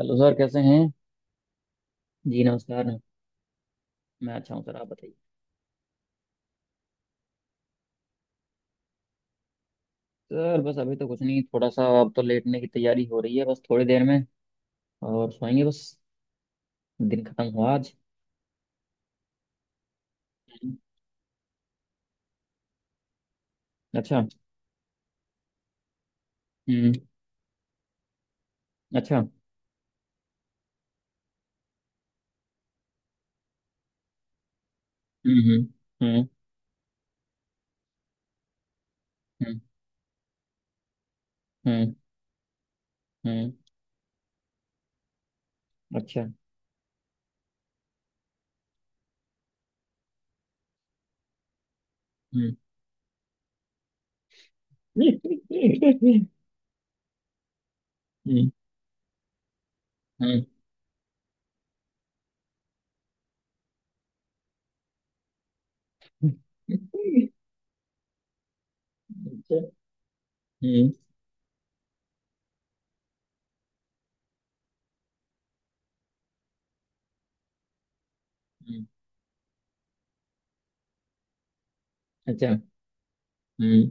Hello sir कैसे हैं। जी नमस्कार। मैं अच्छा हूँ सर आप बताइए। सर बस अभी तो कुछ नहीं, थोड़ा सा अब तो लेटने की तैयारी हो रही है बस थोड़ी देर में, और सोएंगे बस। दिन खत्म हुआ आज। हम्म, अच्छा। हम्म। अच्छा। हम्म। हम्म। हम्म। हम्म। हम्म। हम्म, अच्छा। हम्म। हम्म। हम्म, हम्म, अच्छा। हम्म। हम्म, अच्छा। हम्म।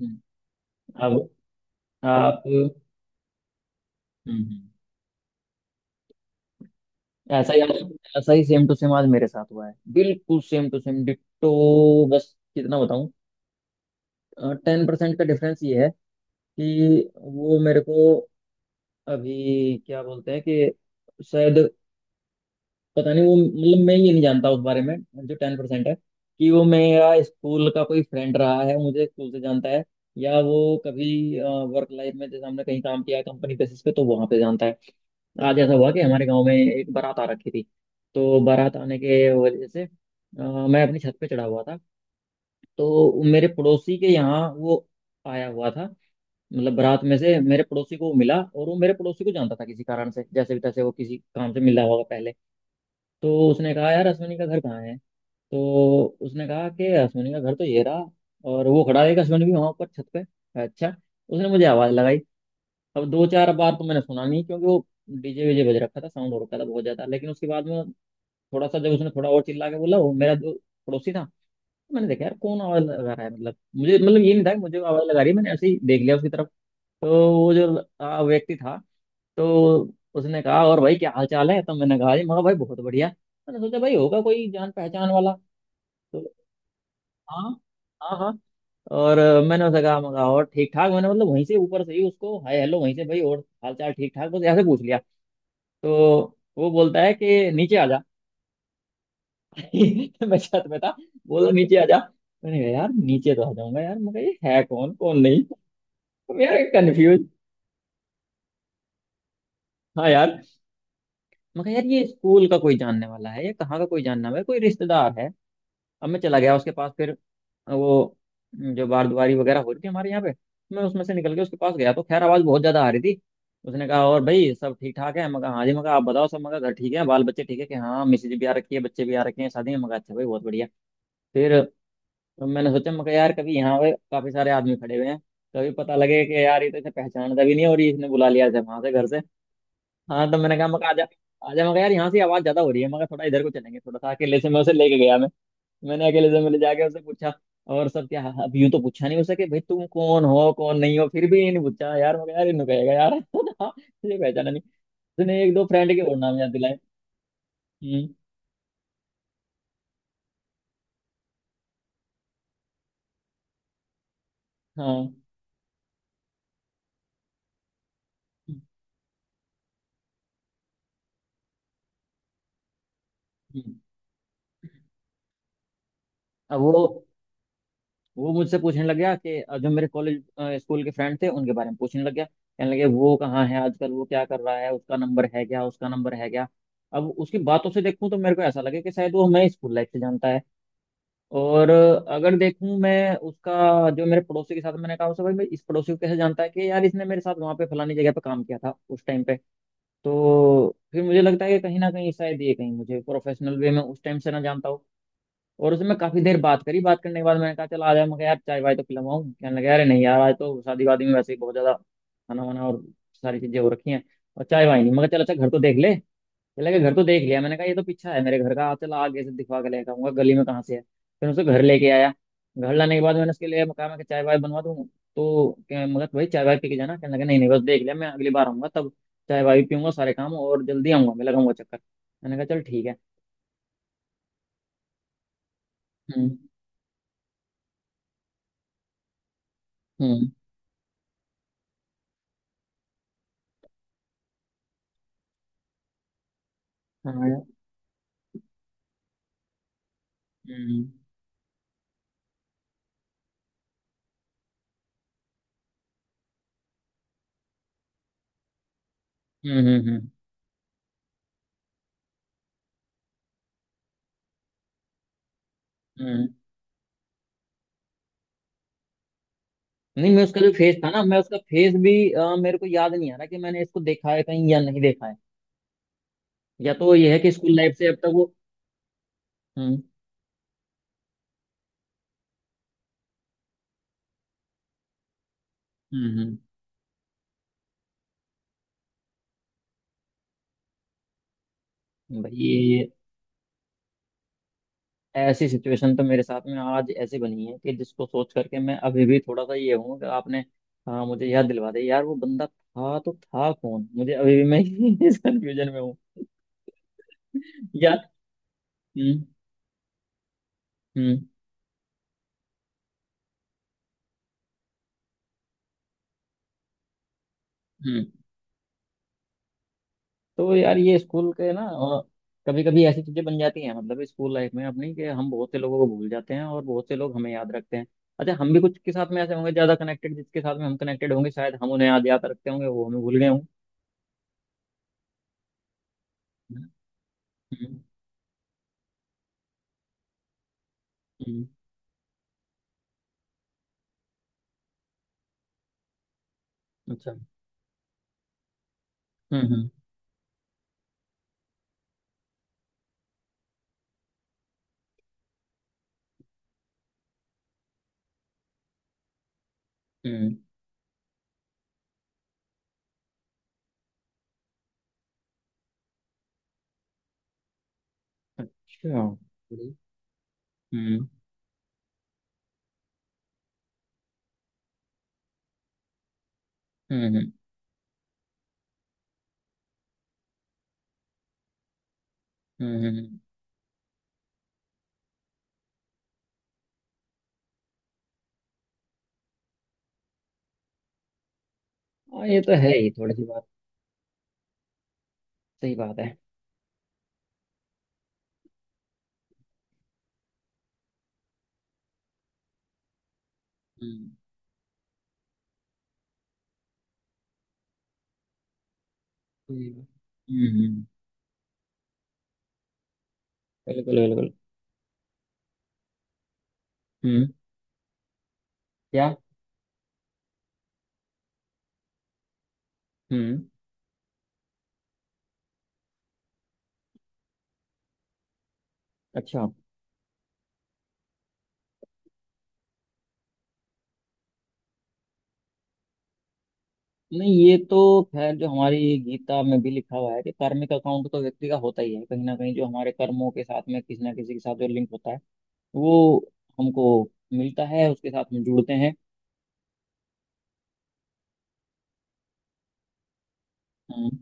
हम्म, अब आप हम्म। हम्म। ऐसा ही आज, ऐसा ही सेम टू सेम आज मेरे साथ हुआ है बिल्कुल सेम टू सेम डिट्टो। बस कितना बताऊं। टेन परसेंट का डिफरेंस ये है कि वो मेरे को अभी क्या बोलते हैं कि शायद पता नहीं वो, मतलब मैं ये नहीं जानता उस बारे में। जो टेन परसेंट है कि वो मेरा स्कूल का कोई फ्रेंड रहा है, मुझे स्कूल से जानता है, या वो कभी वर्क लाइफ में जैसे हमने कहीं काम किया है कंपनी बेसिस पे तो वहां पे जानता है। आज ऐसा हुआ कि हमारे गांव में एक बारात आ रखी थी। तो बारात आने के वजह से मैं अपनी छत पे चढ़ा हुआ था। तो मेरे पड़ोसी के यहाँ वो आया हुआ था, मतलब बारात में से मेरे पड़ोसी को वो मिला, और वो मेरे पड़ोसी को जानता था किसी कारण से, जैसे भी तैसे वो किसी काम से मिला होगा पहले। तो उसने कहा यार अश्विनी का घर कहाँ है। तो उसने कहा कि अश्विनी का घर तो ये रहा, और वो खड़ा है एक अश्विनी भी वहाँ पर छत पे। अच्छा। उसने मुझे आवाज़ लगाई। अब दो चार बार तो मैंने सुना नहीं, क्योंकि वो डीजे वीजे बज रखा था, साउंड हो रखा था बहुत ज्यादा। लेकिन उसके बाद में थोड़ा सा जब उसने थोड़ा और चिल्ला के बोला, वो मेरा जो पड़ोसी था, मैंने देखा यार कौन आवाज लगा रहा है, मतलब मुझे, मतलब ये नहीं था कि मुझे आवाज लगा रही है, मैंने ऐसे ही देख लिया उसकी तरफ। तो वो जो व्यक्ति था, तो उसने कहा और भाई क्या हाल चाल है, तो मैंने कहा जी मगर भाई बहुत बढ़िया। मैंने सोचा भाई होगा कोई जान पहचान वाला। तो हाँ, हाँ, हाँ। और मैंने उसे कहा मगा और ठीक ठाक, मैंने मतलब वहीं से ऊपर से ही उसको हाय हेलो वहीं से, भाई और हाल चाल ठीक ठाक, बस ऐसे पूछ लिया। तो वो बोलता है कि नीचे आ जा। मैं छत में था। बोला नीचे आ जा। मैंने कहा यार नीचे तो आ जाऊंगा यार, मगर ये है कौन कौन नहीं। तो मैं यार कंफ्यूज। हाँ यार। मगर यार ये स्कूल का कोई जानने वाला है या कहाँ का कोई जानने वाला है, कोई रिश्तेदार है। अब मैं चला गया उसके पास फिर। वो जो बारदुआरी वगैरह हो रही थी हमारे यहाँ पे, मैं उसमें से निकल के उसके पास गया, तो खैर आवाज बहुत ज्यादा आ रही थी। उसने कहा और भाई सब ठीक ठाक है, मगर हाँ जी, मगर आप बताओ सब, मगर घर ठीक है बाल बच्चे ठीक है कि हाँ मिसेज भी आ रखी है बच्चे भी आ रखे हैं शादी में, मगर अच्छा भाई बहुत बढ़िया। फिर तो मैंने सोचा, मैं कहा, यार कभी यहाँ पे काफी सारे आदमी खड़े हुए हैं, कभी पता लगे कि यार ये तो इसे पहचानता भी नहीं और ये इसने बुला लिया वहां से घर से। हाँ तो मैंने कहा, मैं कहा, आजा, आजा, मैं कहा, यार यहाँ से आवाज ज्यादा हो रही है, मैं कहा, थोड़ा इधर को चलेंगे थोड़ा सा अकेले से, मैं उसे लेके गया मैं। मैंने अकेले से मिले जाके उससे पूछा, और सब क्या, अब यूं तो पूछा नहीं उसे कि भाई तुम कौन हो कौन नहीं हो, फिर भी ये नहीं पूछा यार, मैं कहा, यार इन्हों कहेगा यार। ये पहचाना नहीं। उसने एक दो फ्रेंड के और नाम याद दिलाए। हम्म। हाँ। हम्म। हम्म। अब वो मुझसे पूछने लग गया कि जो मेरे कॉलेज स्कूल के फ्रेंड थे उनके बारे में पूछने लग गया, कहने लगे वो कहाँ है आजकल, वो क्या कर रहा है, उसका नंबर है क्या, उसका नंबर है क्या। अब उसकी बातों से देखूं तो मेरे को ऐसा लगे कि शायद वो हमें स्कूल लाइफ से जानता है। और अगर देखूं मैं उसका जो मेरे पड़ोसी के साथ, मैंने कहा उसे भाई मैं इस पड़ोसी को कैसे जानता है कि यार इसने मेरे साथ वहां पे फलानी जगह पे काम किया था उस टाइम पे। तो फिर मुझे लगता है कि कहीं ना कहीं शायद ये कहीं मुझे प्रोफेशनल वे में उस टाइम से ना जानता हो। और उसमें काफी देर बात करी, बात करने के बाद मैंने कहा चल आ जाए, मैं कहा यार चाय वाय तो पिलवाऊं, कहने लगा अरे नहीं यार आज तो शादी वादी में वैसे ही बहुत ज्यादा खाना वाना और सारी चीजें हो रखी हैं, और चाय वाय नहीं, मगर चल अच्छा घर तो देख ले। चला गया घर तो देख लिया, मैंने कहा ये तो पीछा है मेरे घर का, चल आगे से दिखवा के लेकर आऊंगा गली में कहाँ से है। फिर उसे घर लेके आया। घर लाने के बाद मैंने उसके लिए कहा मैं कि चाय वाय बनवा दूँ, तो मगर भाई चाय वाय पी के जाना, कहने लगा नहीं नहीं बस देख लिया मैं, अगली बार आऊंगा तब चाय वाय पीऊंगा सारे काम, और जल्दी आऊंगा मैं लगाऊंगा चक्कर। मैंने कहा चल ठीक है। हम्म। हम्म। हाँ यार। हम्म। हम्म। हम्म। हम्म। हम्म। नहीं मैं उसका जो फेस था ना, मैं उसका फेस भी मेरे को याद नहीं आ रहा कि मैंने इसको देखा है कहीं या नहीं देखा है। या तो ये है कि स्कूल लाइफ से अब तक वो हम्म। हम्म। हम्म। भाई ये ऐसी सिचुएशन तो मेरे साथ में आज ऐसी बनी है कि जिसको सोच करके मैं अभी भी थोड़ा सा ये हूँ कि आपने, हाँ मुझे याद दिलवा दे यार वो बंदा था तो था कौन, मुझे अभी भी मैं इस कंफ्यूजन में हूँ। यार। हम्म। हम्म। हम्म। तो यार ये स्कूल के ना, कभी कभी ऐसी चीजें बन जाती हैं मतलब स्कूल लाइफ में अपनी, कि हम बहुत से लोगों को भूल जाते हैं और बहुत से लोग हमें याद रखते हैं। अच्छा हम भी कुछ के साथ में ऐसे होंगे, ज्यादा कनेक्टेड जिसके साथ में हम कनेक्टेड होंगे शायद, हम उन्हें याद याद रखते होंगे, वो हमें भूल गए होंगे। हम्म, हम्म, अच्छा। हम्म। हम्म। हम्म, अच्छा। हम्म। हम्म। हम्म। हम्म, हम्म। हाँ ये तो है ही थोड़ी सी बात। सही बात है। हम्म। हम्म। हम्म, बिल्कुल बिल्कुल। हम्म। क्या। हम्म। अच्छा। नहीं ये तो खैर जो हमारी गीता में भी लिखा हुआ है कि कार्मिक अकाउंट तो व्यक्ति का होता ही है कहीं ना कहीं, जो हमारे कर्मों के साथ में किसी ना किसी के साथ जो लिंक होता है, वो हमको मिलता है, उसके साथ में जुड़ते हैं। हम्म,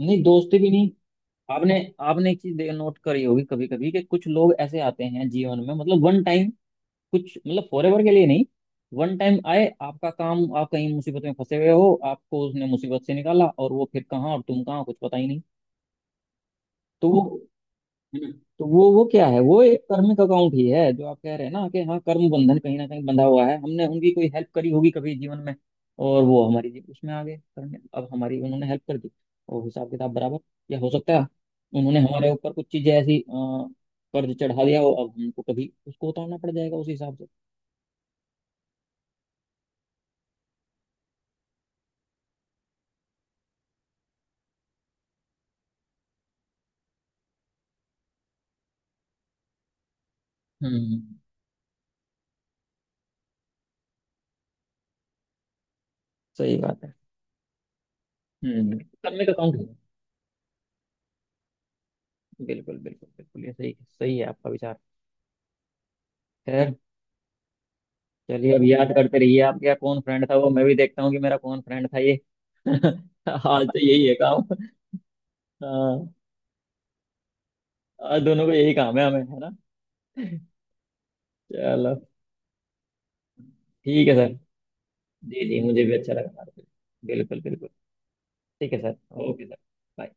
नहीं दोस्ती भी नहीं। आपने, आपने एक चीज नोट करी होगी कभी कभी, कि कुछ लोग ऐसे आते हैं जीवन में, मतलब वन टाइम, कुछ मतलब फॉर एवर के लिए नहीं, वन टाइम आए, आपका काम, आप कहीं मुसीबत में फंसे हुए हो आपको उसने मुसीबत से निकाला, और वो फिर कहाँ और तुम कहाँ कुछ पता ही नहीं। तो वो हम्म, तो वो क्या है, वो एक कर्मिक अकाउंट ही है जो आप कह रहे हैं ना, कि हाँ कर्म बंधन कहीं ना कहीं बंधा हुआ है, हमने उनकी कोई हेल्प करी होगी कभी जीवन में, और वो हमारी उसमें आ गए करने, अब हमारी उन्होंने हेल्प कर दी, और हिसाब किताब बराबर। या हो सकता है उन्होंने हमारे ऊपर कुछ चीजें ऐसी कर्ज चढ़ा दिया हो, अब हमको कभी उसको उतारना पड़ जाएगा उस हिसाब से। हम्म, सही बात है। हम्म। कर्मिक अकाउंट है, बिल्कुल बिल्कुल बिल्कुल ये सही, सही है आपका विचार। खैर, चलिए अब याद करते रहिए आपका कौन फ्रेंड था, वो मैं भी देखता हूँ कि मेरा कौन फ्रेंड था ये। आज तो यही है काम। हाँ। आज दोनों को यही काम है हमें है ना। चलो ठीक है सर। जी जी मुझे भी अच्छा लगा बात करके। बिल्कुल बिल्कुल। ठीक है सर। Okay sir bye.